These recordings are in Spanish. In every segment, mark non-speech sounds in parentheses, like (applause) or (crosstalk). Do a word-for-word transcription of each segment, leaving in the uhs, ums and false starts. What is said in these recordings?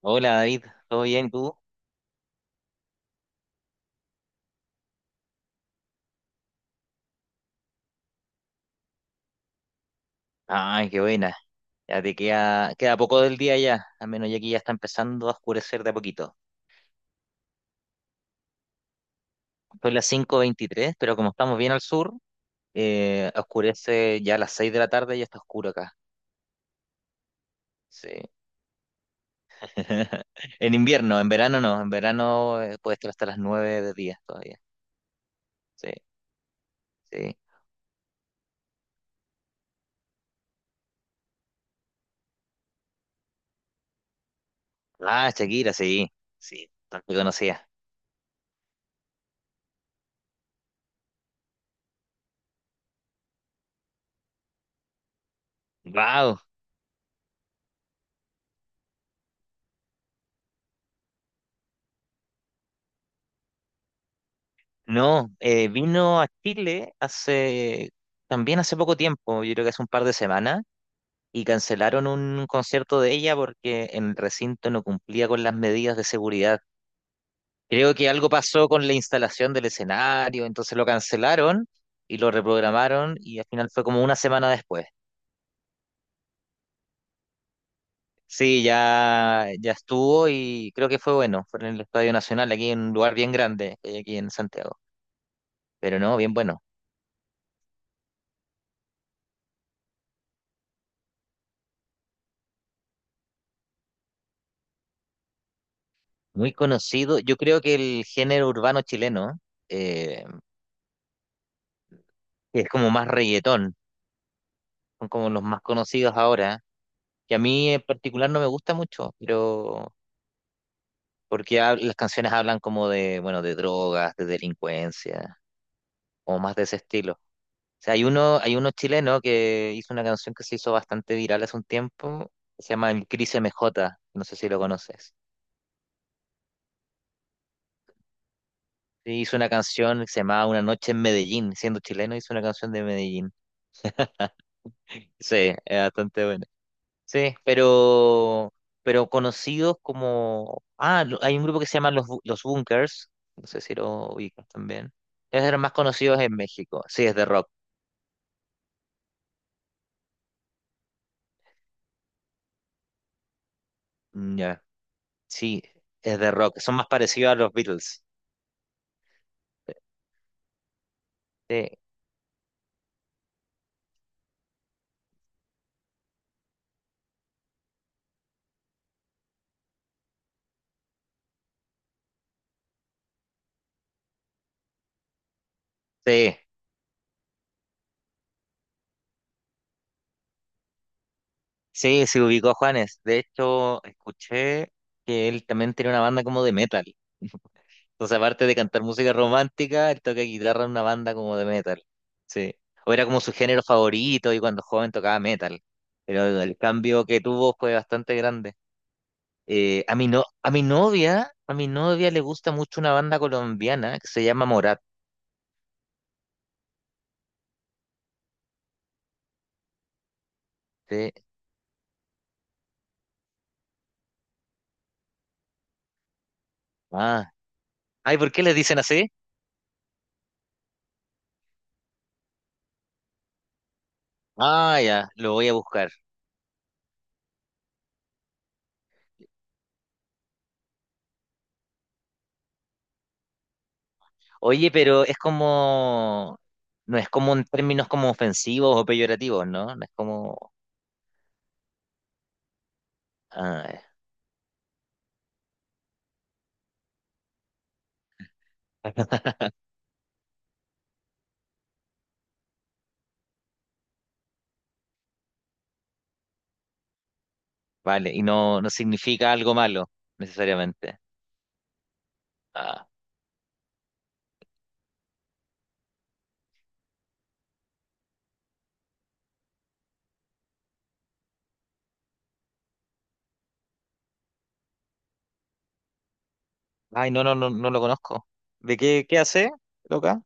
Hola David, ¿todo bien tú? Ay, qué buena. Ya te queda, queda poco del día ya, al menos ya aquí ya está empezando a oscurecer de a poquito. Son las cinco veintitrés, pero como estamos bien al sur, eh, oscurece ya a las seis de la tarde y ya está oscuro acá. Sí. (laughs) En invierno, en verano no, en verano eh, puede estar hasta las nueve de día todavía. Sí, sí. Ah, Shakira, sí, sí, tanto conocía. Wow, no, eh, vino a Chile hace, también hace poco tiempo, yo creo que hace un par de semanas. Y cancelaron un concierto de ella porque el recinto no cumplía con las medidas de seguridad. Creo que algo pasó con la instalación del escenario, entonces lo cancelaron y lo reprogramaron y al final fue como una semana después. Sí, ya, ya estuvo y creo que fue bueno. Fue en el Estadio Nacional, aquí en un lugar bien grande, que hay aquí en Santiago. Pero no, bien bueno. Muy conocido. Yo creo que el género urbano chileno, eh, es como más reggaetón, son como los más conocidos ahora que a mí en particular no me gusta mucho, pero porque hab- las canciones hablan como de, bueno, de drogas, de delincuencia, o más de ese estilo. O sea, hay uno, hay uno chileno que hizo una canción que se hizo bastante viral hace un tiempo, que se llama El Cris M J, no sé si lo conoces. Sí, hizo una canción que se llamaba Una noche en Medellín, siendo chileno hizo una canción de Medellín. Sí, es bastante buena. Sí, pero, pero conocidos como... Ah, lo- hay un grupo que se llama Los, Bu- Los Bunkers, no sé si lo ubicas también. Ellos eran más conocidos en México, sí, es de rock. Mm, ya, sí, es de rock, son más parecidos a los Beatles. Sí, sí, sí, se ubicó Juanes. De hecho, escuché que él también tiene una banda como de metal. Entonces, aparte de cantar música romántica, él toca guitarra en una banda como de metal. Sí. O era como su género favorito y cuando joven tocaba metal. Pero el cambio que tuvo fue bastante grande. Eh, a mi no, a mi novia, a mi novia le gusta mucho una banda colombiana que se llama Morat. Sí. Ah. Ay, ¿por qué les dicen así? Ah, ya, lo voy a buscar. Oye, pero es como, no es como en términos como ofensivos o peyorativos, ¿no? No es como, ah, vale, y no, no significa algo malo, necesariamente. Ah. Ay, no, no, no, no lo conozco. ¿De qué, qué hace, loca?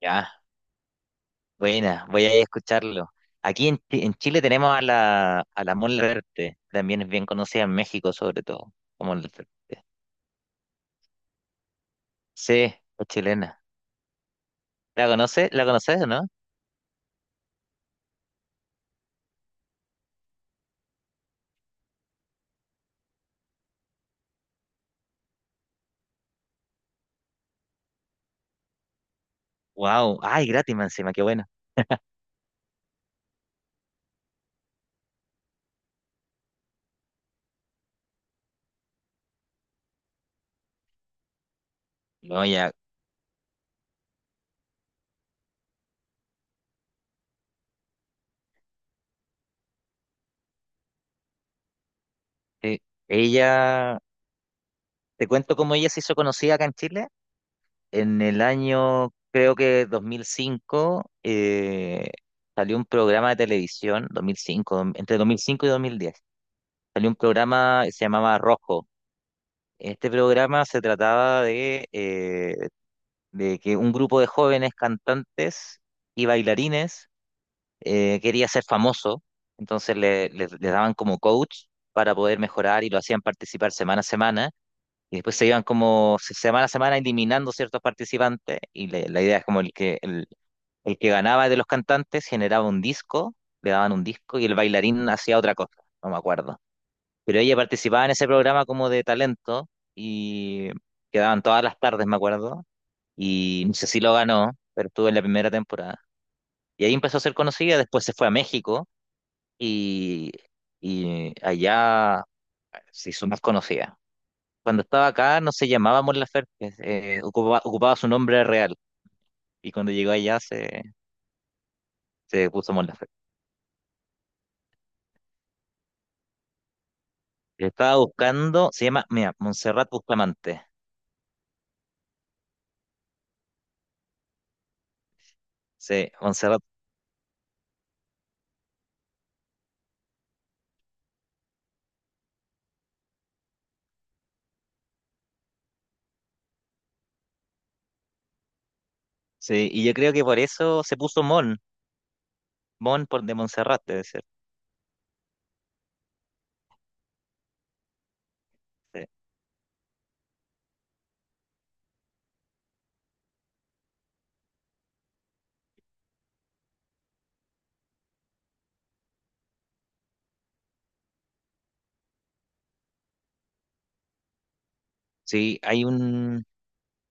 Ya, buena, voy a ir a escucharlo. Aquí en, Chi- en Chile tenemos a la, a la Mon Laferte, también es bien conocida en México, sobre todo. Como Mon Laferte. Sí, es chilena. ¿La conoces? ¿La conoces o no? Wow, ay, gratis más encima, qué bueno. No, ya, sí. Ella, te cuento cómo ella se hizo conocida acá en Chile. En el año, creo que dos mil cinco, eh, salió un programa de televisión, dos mil cinco entre dos mil cinco y dos mil diez salió un programa que se llamaba Rojo. Este programa se trataba de, eh, de que un grupo de jóvenes cantantes y bailarines eh, quería ser famoso, entonces le, le- les daban como coach para poder mejorar y lo hacían participar semana a semana. Y después se iban como se- semana a semana eliminando ciertos participantes. Y le- la idea es como el que, el, el que ganaba de los cantantes generaba un disco, le daban un disco y el bailarín hacía otra cosa, no me acuerdo. Pero ella participaba en ese programa como de talento y quedaban todas las tardes, me acuerdo. Y no sé si lo ganó, pero estuvo en la primera temporada. Y ahí empezó a ser conocida, después se fue a México y, y allá se hizo más conocida. Cuando estaba acá no se llamaba Mon Laferte, eh, ocupaba, ocupaba su nombre real y cuando llegó allá se, se puso Mon Laferte. Estaba buscando, se llama, mira, Montserrat Bustamante. Sí, Montserrat. Sí, y yo creo que por eso se puso Mon, Mon por de Montserrat, debe ser. Sí, sí, hay un,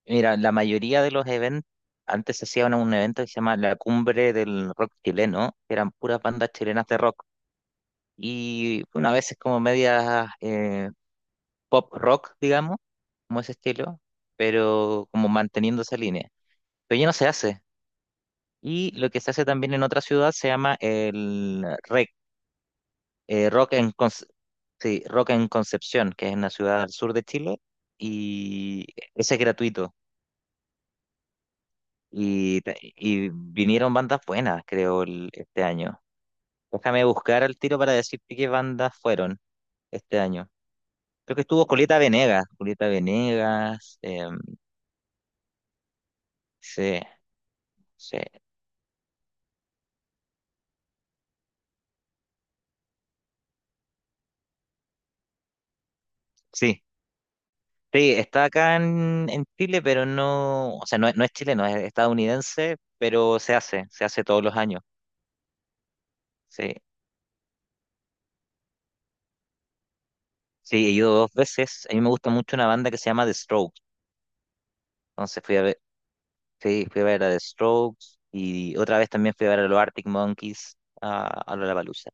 mira, la mayoría de los eventos, antes se hacía un, un evento que se llama la Cumbre del Rock Chileno, que eran puras bandas chilenas de rock. Y una vez es como medias pop rock, digamos, como ese estilo, pero como manteniendo esa línea. Pero ya no se hace. Y lo que se hace también en otra ciudad se llama el rec, eh, rock en, Conce- sí, Rock en Concepción, que es una ciudad al sur de Chile, y ese es gratuito. Y, ta- y vinieron bandas buenas, creo, el- este año. Déjame buscar al tiro para decirte qué bandas fueron este año. Creo que estuvo Julieta Venegas, Julieta Venegas, em, sí, sí, sí, sí, está acá en, en Chile, pero no, o sea, no, es- no es chileno, es estadounidense, pero se hace, se hace todos los años. Sí, sí, he ido dos veces. A mí me gusta mucho una banda que se llama The Strokes. Entonces fui a ver, sí, fui a ver a The Strokes y otra vez también fui a ver a los Arctic Monkeys a, a Lollapalooza.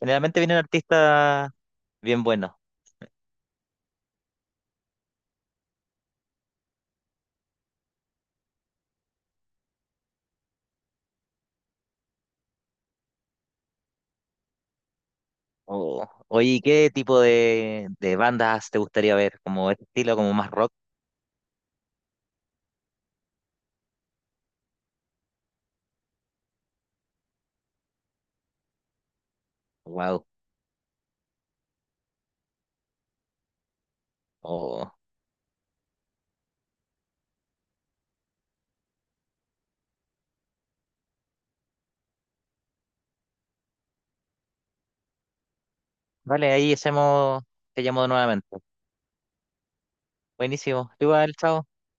Generalmente vienen artistas bien buenos. O- oye, ¿y ¿qué tipo de, de bandas te gustaría ver? ¿Como este estilo, como más rock? Wow. O- vale, ahí hacemos, te llamo nuevamente. Buenísimo. Tú igual, chao.